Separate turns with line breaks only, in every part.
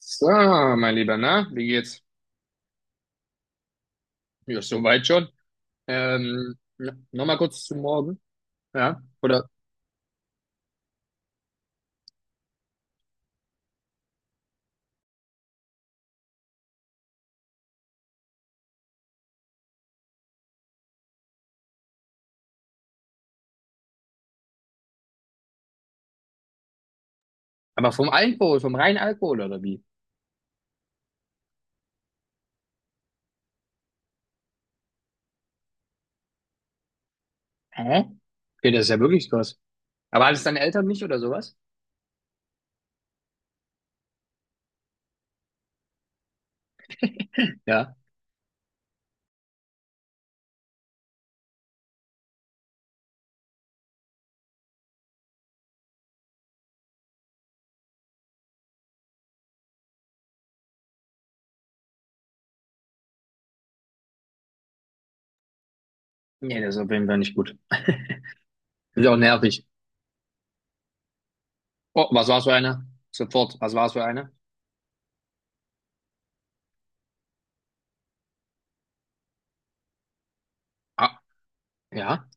So, mein Lieber, na, wie geht's? Ja, soweit schon. Ja, nochmal kurz zum Morgen, ja? Oder, aber vom Alkohol, vom reinen Alkohol, oder wie? Hä? Okay, das ist ja wirklich krass. Aber hattest deine Eltern nicht oder sowas? Ja? Nee, das ist auf jeden Fall nicht gut. Ist auch nervig. Oh, was war's für einer? Sofort, was war's für einer? Ah, ja?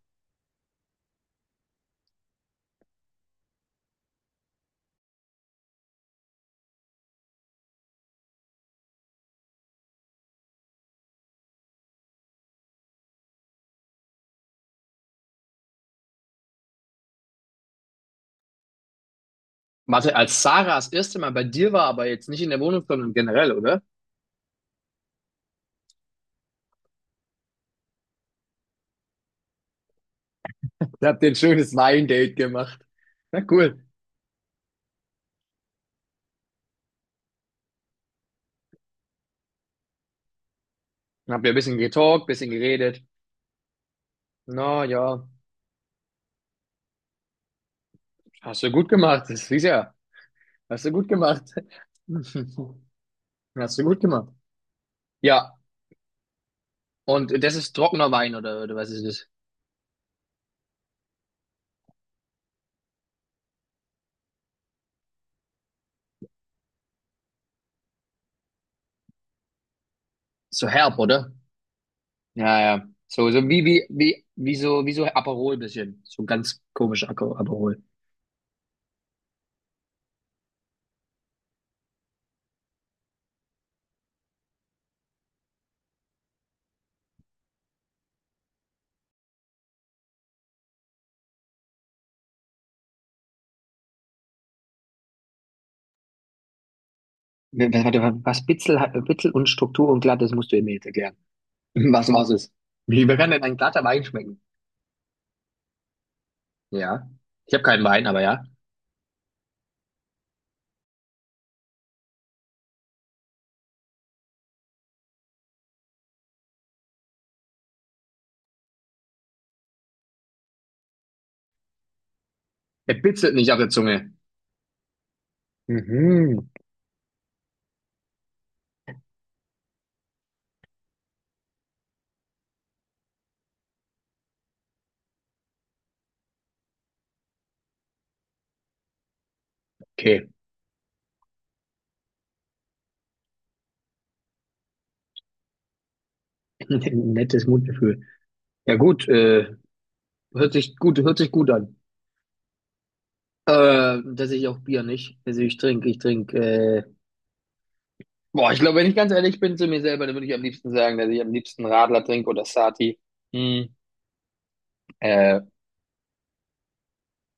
Warte, als Sarah das erste Mal bei dir war, aber jetzt nicht in der Wohnung, sondern generell, oder? Ihr habt ein schönes Weindate gemacht. Na cool. Dann habt ihr ein bisschen getalkt, bisschen geredet. Na ja. Hast du gut gemacht, das ist ja. Hast du gut gemacht. Hast du gut gemacht. Ja, und das ist trockener Wein oder was ist das? So herb, oder? Ja, ja. So, so wie, wie so, wie so Aperol bisschen. So ganz komisch Aco- Aperol. W- Warte, was Bitzel, hat- Bitzel und Struktur und glatt, das musst du mir jetzt erklären. Was, was ist? Wie, wie kann denn ein glatter Wein schmecken? Ja. Ich habe keinen Wein, aber ja. Er bitzelt nicht auf der Zunge. Mhm. Okay. Nettes Mundgefühl. Ja gut, hört sich gut, hört sich gut an. Dass ich auch Bier nicht. Also boah, ich glaube, wenn ich ganz ehrlich bin zu mir selber, dann würde ich am liebsten sagen, dass ich am liebsten Radler trinke oder Sati. Hm. Äh,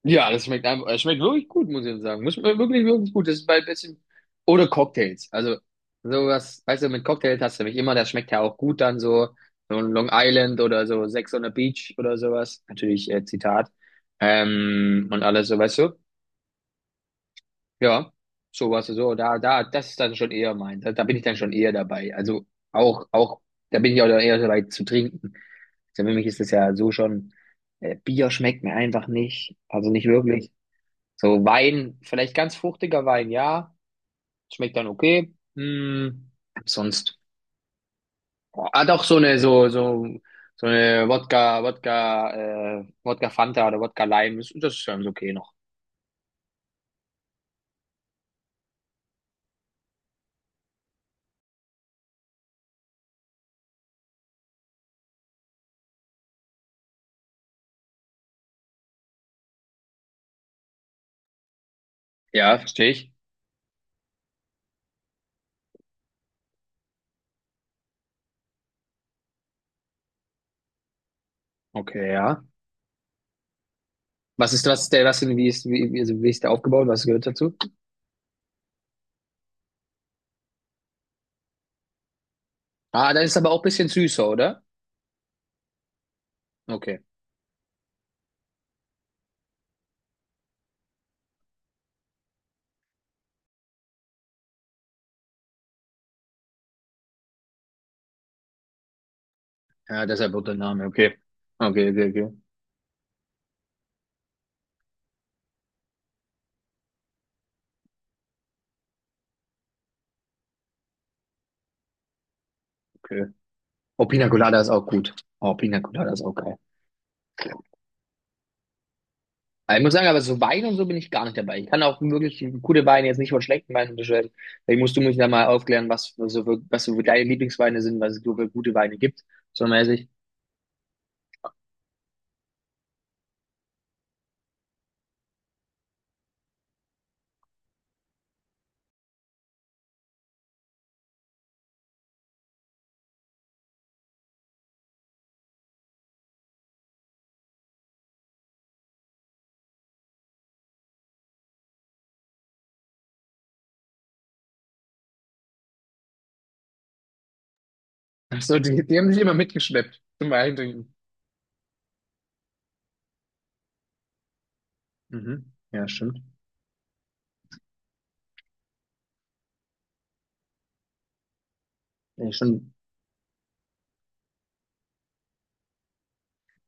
ja, das schmeckt einfach, es schmeckt wirklich gut, muss ich sagen. Muss wirklich, wirklich gut. Das ist bei ein bisschen, oder Cocktails. Also, sowas, weißt du, mit Cocktails hast du mich immer, das schmeckt ja auch gut dann so, so ein Long Island oder so Sex on the Beach oder sowas. Natürlich, Zitat. Und alles so, weißt du? Ja, so was, so, das ist dann schon eher mein, da bin ich dann schon eher dabei. Also auch, auch, da bin ich auch eher dabei zu trinken. Also für mich ist das ja so schon, Bier schmeckt mir einfach nicht, also nicht wirklich. So Wein, vielleicht ganz fruchtiger Wein, ja, schmeckt dann okay. Hm, sonst, oh, ah, doch so eine, so, so, so eine Wodka, Wodka Fanta oder Wodka Lime, das, das ist ganz okay noch. Ja, verstehe ich. Okay, ja. Was ist der, was denn wie ist wie, wie, also wie ist der aufgebaut? Was gehört dazu? Ah, das ist aber auch ein bisschen süßer, oder? Okay. Ja, deshalb wird der Name. Okay. Okay, okay, okay. Okay. Oh, Pina Colada ist auch gut. Oh, Pina Colada ist auch geil. Aber ich muss sagen, aber so Wein und so bin ich gar nicht dabei. Ich kann auch wirklich gute Weine jetzt nicht von schlechten Weinen unterscheiden. Vielleicht musst du mich da mal aufklären, was für, so für, was so für deine Lieblingsweine sind, was es so für gute Weine gibt. So mäßig. Ach so, die haben sich immer mitgeschleppt zum Weintrinken. Mhm. Ja, stimmt. Ja, schon.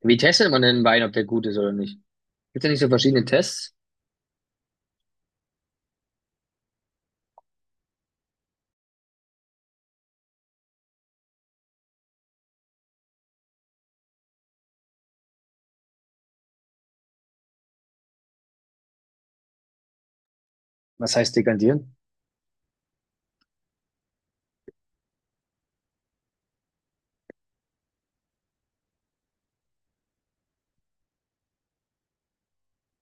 Wie testet man denn einen Wein, ob der gut ist oder nicht? Gibt es da nicht so verschiedene Tests? Was heißt dekantieren?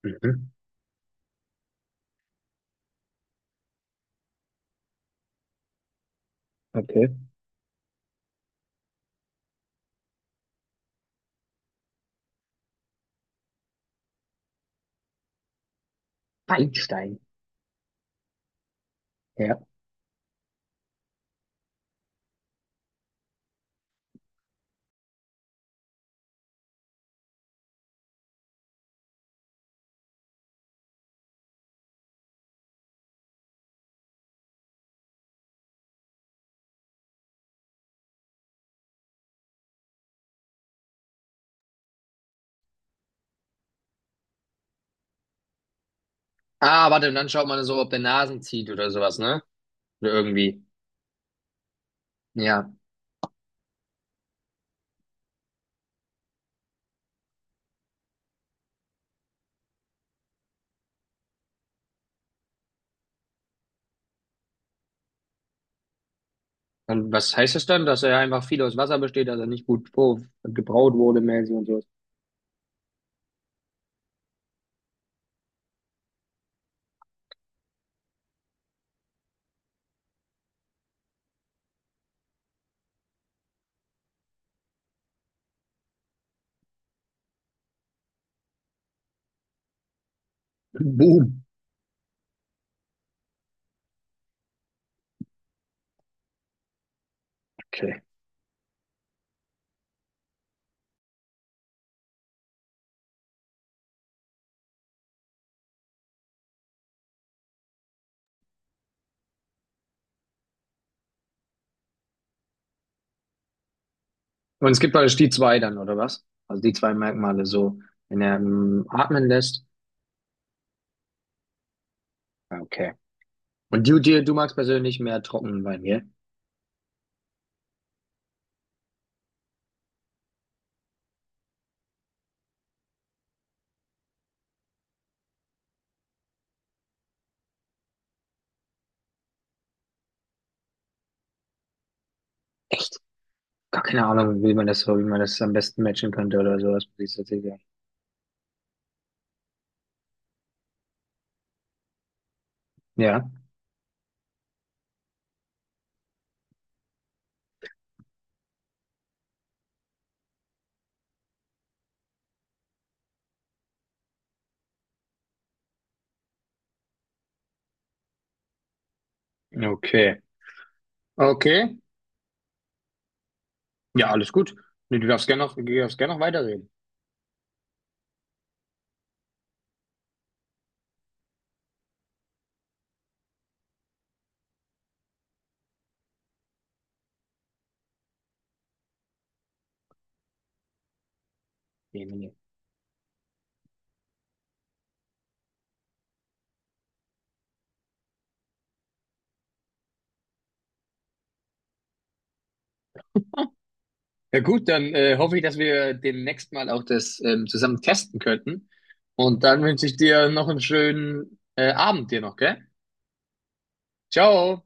Mhm. Okay. Feinstein. Ja. Ah, warte, und dann schaut man so, ob der Nasen zieht oder sowas, ne? Oder irgendwie. Ja. Und was heißt das dann? Dass er einfach viel aus Wasser besteht, dass er nicht gut vor- gebraut wurde, mäßig und sowas. Boom. Okay. Und es gibt praktisch die zwei dann, oder was? Also die zwei Merkmale so, wenn er atmen lässt. Ah, okay. Und du magst persönlich mehr trockenen Wein, gell? Echt? Gar keine Ahnung, wie man das so, wie man das am besten matchen könnte oder sowas, muss ich tatsächlich sagen. Ja. Okay. Okay. Ja, alles gut. Nee, du darfst gerne noch weiterreden. Nee, nee, nee. Ja gut, dann hoffe ich, dass wir demnächst mal auch das zusammen testen könnten. Und dann wünsche ich dir noch einen schönen Abend dir noch, gell? Ciao.